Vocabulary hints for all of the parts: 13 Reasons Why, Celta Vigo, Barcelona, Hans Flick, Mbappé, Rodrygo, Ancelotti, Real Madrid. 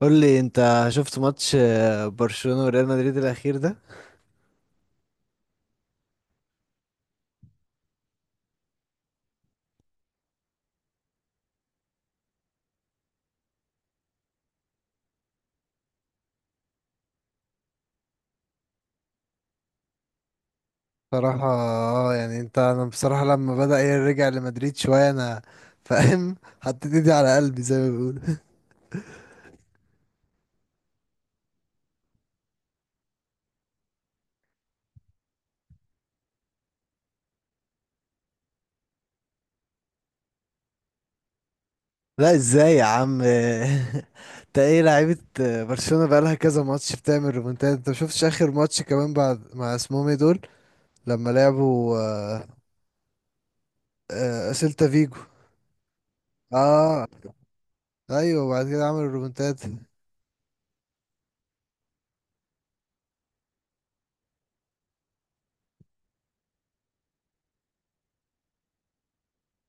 قول لي، انت شفت ماتش برشلونة وريال مدريد الاخير ده؟ بصراحة اه يعني انا بصراحة لما بدأ يرجع لمدريد شوية انا فاهم. حطيت ايدي على قلبي زي ما بيقولوا. لا، ازاي يا عم؟ انت ايه لعيبة؟ برشلونة بقالها كذا ماتش بتعمل ريمونتات. انت مشوفتش اخر ماتش كمان بعد مع اسمهم ايه دول لما لعبوا سيلتا فيجو؟ اه، ايوه، وبعد كده عملوا ريمونتات.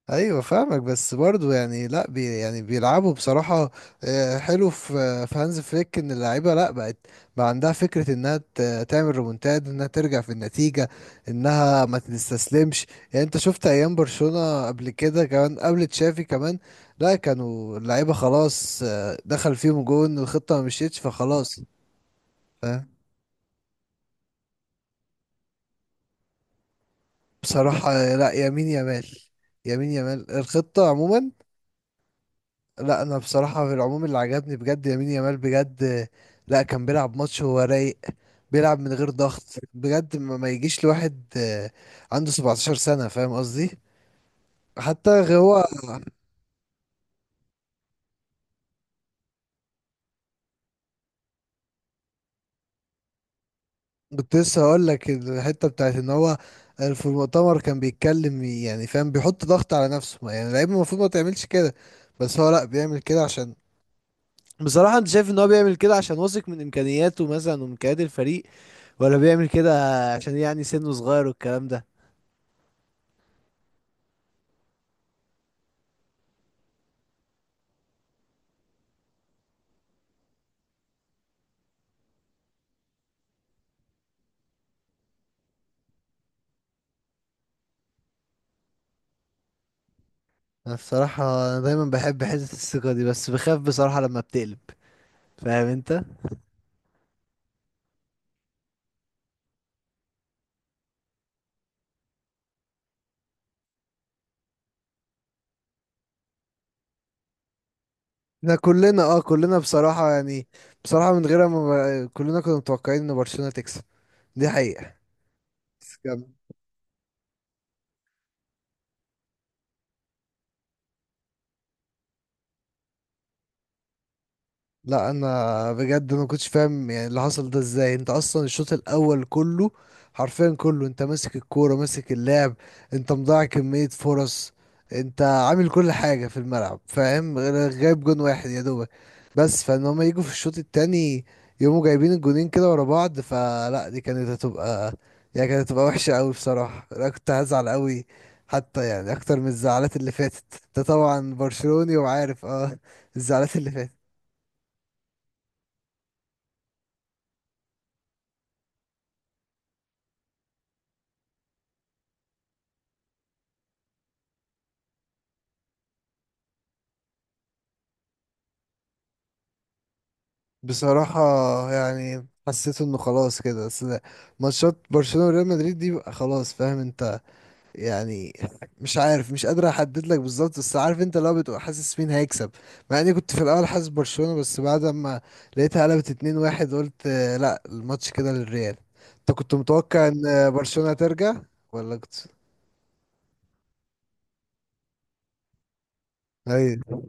ايوه فاهمك، بس برضو يعني لا بي يعني بيلعبوا بصراحه. حلو في هانز فليك ان اللعيبه لا بقت، بقى عندها فكره انها تعمل ريمونتاد، انها ترجع في النتيجه، انها ما تستسلمش. يعني انت شفت ايام برشلونه قبل كده، كمان قبل تشافي كمان، لا كانوا اللعيبه خلاص، دخل فيهم جون والخطه ما مشيتش فخلاص. آه، بصراحه لا، يمين يمال. يمين يمال الخطه عموما. لا، انا بصراحه في العموم اللي عجبني بجد يمين يامال بجد. لا، كان بيلعب ماتش وهو رايق. بيلعب من غير ضغط بجد. ما يجيش لواحد عنده 17 سنه فاهم قصدي. حتى هو، كنت لسه هقول لك الحته بتاعت ان هو في المؤتمر كان بيتكلم، يعني فاهم بيحط ضغط على نفسه. يعني اللعيب المفروض ما تعملش كده. بس هو لا بيعمل كده عشان، بصراحة، انت شايف ان هو بيعمل كده عشان واثق من امكانياته مثلا وامكانيات الفريق، ولا بيعمل كده عشان يعني سنه صغير والكلام ده؟ أنا الصراحة أنا دايما بحب حتة الثقة دي، بس بخاف بصراحة لما بتقلب. فاهم انت؟ احنا كلنا، اه، كلنا بصراحة يعني، بصراحة من غيرها ما، كلنا كنا متوقعين ان برشلونة تكسب. دي حقيقة. بس كمل. لا انا بجد ما كنتش فاهم يعني اللي حصل ده ازاي. انت اصلا الشوط الاول كله، حرفيا كله، انت ماسك الكوره ماسك اللعب، انت مضيع كميه فرص، انت عامل كل حاجه في الملعب، فاهم، جايب جون واحد يا دوبك، بس فان هما يجوا في الشوط التاني يقوموا جايبين الجونين كده ورا بعض، فلا، دي كانت هتبقى، يعني كانت هتبقى وحشه قوي بصراحه. انا كنت هزعل قوي، حتى يعني اكتر من الزعلات اللي فاتت. انت طبعا برشلوني وعارف اه، الزعلات اللي فاتت. بصراحة يعني، حسيت انه خلاص كده، بس ماتشات برشلونة وريال مدريد دي بقى خلاص، فاهم انت، يعني مش عارف، مش قادر احدد لك بالظبط، بس عارف انت لو بتبقى حاسس مين هيكسب. مع اني كنت في الاول حاسس برشلونة، بس بعد ما لقيتها قلبت 2-1 قلت لا، الماتش كده للريال. انت كنت متوقع ان برشلونة ترجع ولا كنت؟ ايوه.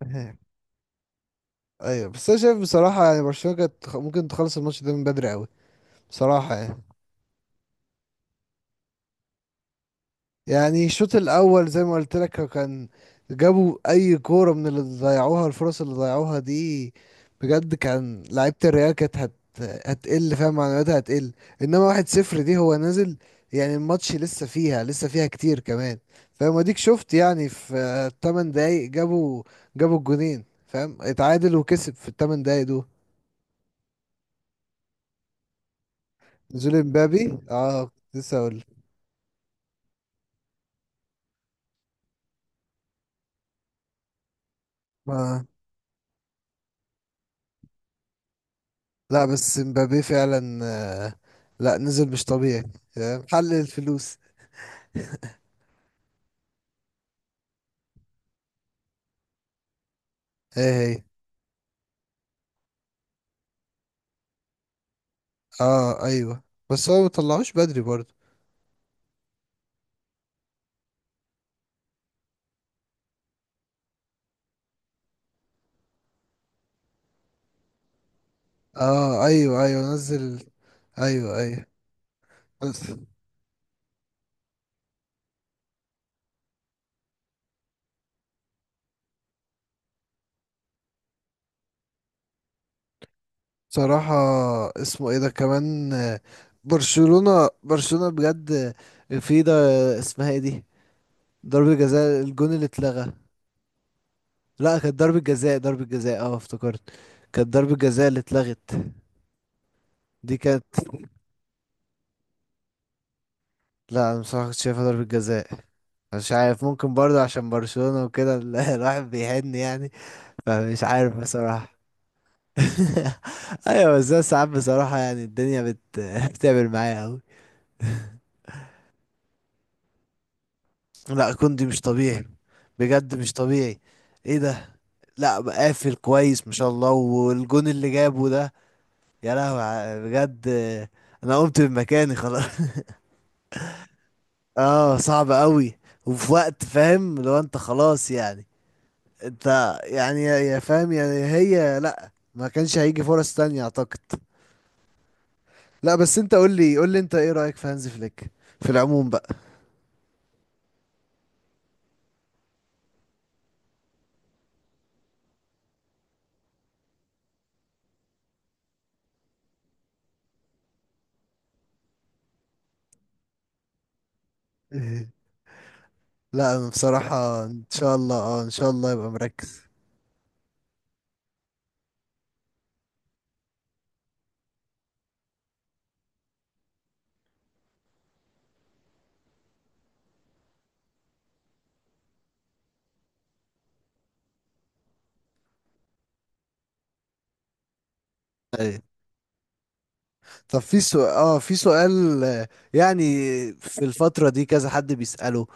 ايوه بس انا شايف بصراحة يعني برشلونة كانت ممكن تخلص الماتش ده من بدري قوي بصراحة يعني. يعني الشوط الاول زي ما قلت لك كان، جابوا اي كوره من اللي ضيعوها، الفرص اللي ضيعوها دي، بجد كان لعيبه الريال كانت هتقل، فاهم، معنوياتها هتقل. انما 1-0 دي هو نازل، يعني الماتش لسه فيها كتير كمان. فاهم، اديك شفت يعني في 8 دقايق جابوا الجونين، فاهم، اتعادل وكسب في الثمان دقايق دول. نزول امبابي، اه، كنت لسه اقول. لا بس مبابي فعلا لا، نزل مش طبيعي. محل الفلوس. ايه هي؟ اه ايوه، بس هو مطلعوش بدري برضه. اه ايوه، ايوه، نزل. ايوه، ايوه، بس بصراحة اسمه ايه ده كمان، برشلونة بجد، في ده، اسمها ايه دي، ضربة جزاء، الجون اللي اتلغى. لا، كانت ضربة جزاء اه افتكرت، كانت ضربة جزاء اللي اتلغت. دي كانت، لا انا بصراحة كنت شايفها ضربة جزاء. مش عارف، ممكن برضه عشان برشلونة وكده الواحد بيحن يعني. فمش عارف بصراحة. ايوه بس ده ساعات بصراحة يعني الدنيا بتعمل معايا قوي. لا كوندي مش طبيعي. بجد مش طبيعي. ايه ده! لا، قافل كويس ما شاء الله، والجون اللي جابه ده، يا لهوي، بجد انا قمت من مكاني خلاص. اه صعب قوي. وفي وقت فاهم لو انت خلاص، يعني انت يعني، يا فاهم، يعني هي لا، ما كانش هيجي فرص تانية اعتقد. لا بس انت قول لي انت ايه رأيك في هانز فليك في العموم بقى؟ لا انا بصراحة ان شاء الله يبقى مركز. ايوه طب في سؤال، اه، في سؤال آه، يعني في الفترة دي كذا حد بيسأله،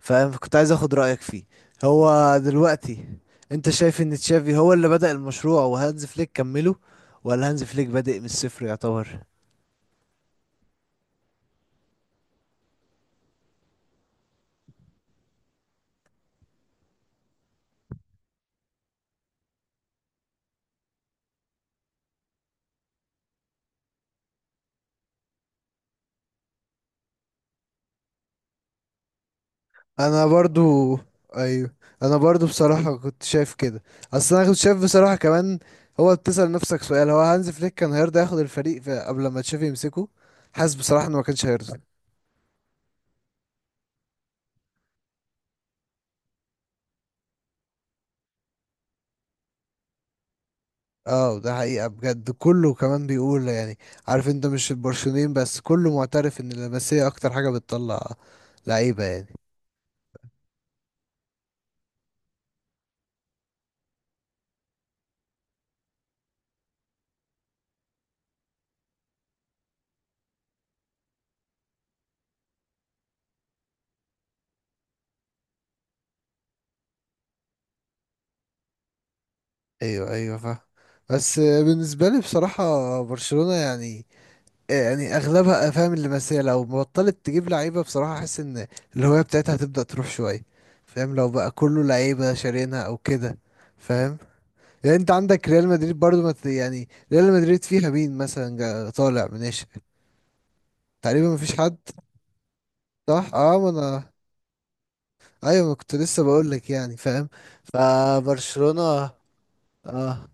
فاهم، كنت عايز اخد رأيك فيه. هو دلوقتي انت شايف ان تشافي هو اللي بدأ المشروع وهانز فليك كمله، ولا هانز فليك بادئ من الصفر يعتبر؟ انا برضو، ايوه، انا برضو بصراحة كنت شايف كده. اصل انا كنت شايف بصراحة كمان، هو بتسأل نفسك سؤال، هو هانز فليك كان هيرضى ياخد الفريق في قبل ما تشافي يمسكه؟ حاسس بصراحة انه ما كانش هيرضى. اه ده حقيقة بجد، كله كمان بيقول يعني، عارف انت مش البرشلونيين بس، كله معترف ان اللمسية اكتر حاجة بتطلع لعيبة يعني. ايوه، ايوه، فاهم. بس بالنسبة لي بصراحة برشلونة يعني، إيه، يعني اغلبها، فاهم، اللي بس هي لو بطلت تجيب لعيبه بصراحه احس ان الهويه بتاعتها هتبدا تروح شويه، فاهم، لو بقى كله لعيبه شارينها او كده، فاهم، يعني انت عندك ريال مدريد برضو ما يعني ريال مدريد فيها مين مثلا طالع من ناشئ؟ تقريبا ما فيش حد. صح اه، ما انا ايوه، ما كنت لسه بقول لك يعني، فاهم، فبرشلونه. اه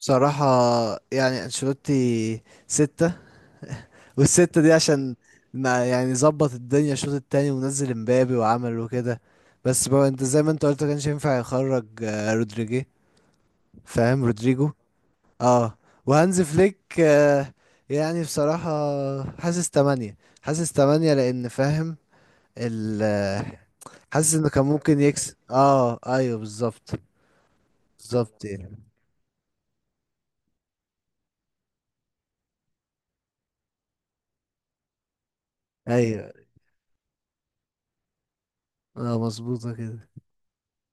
بصراحه يعني انشيلوتي ستة، والستة دي عشان، يعني ظبط الدنيا الشوط التاني ونزل امبابي وعمل وكده، بس بقى انت زي ما انت قلت كانش ينفع يخرج رودريجي، فاهم، رودريجو. اه. وهانز فليك، يعني بصراحة، حاسس تمانية. حاسس تمانية لأن، فاهم، ال آه، حاسس انه كان ممكن يكسب. اه ايوه بالظبط. بالظبط يعني. ايوه اه، مظبوطة كده.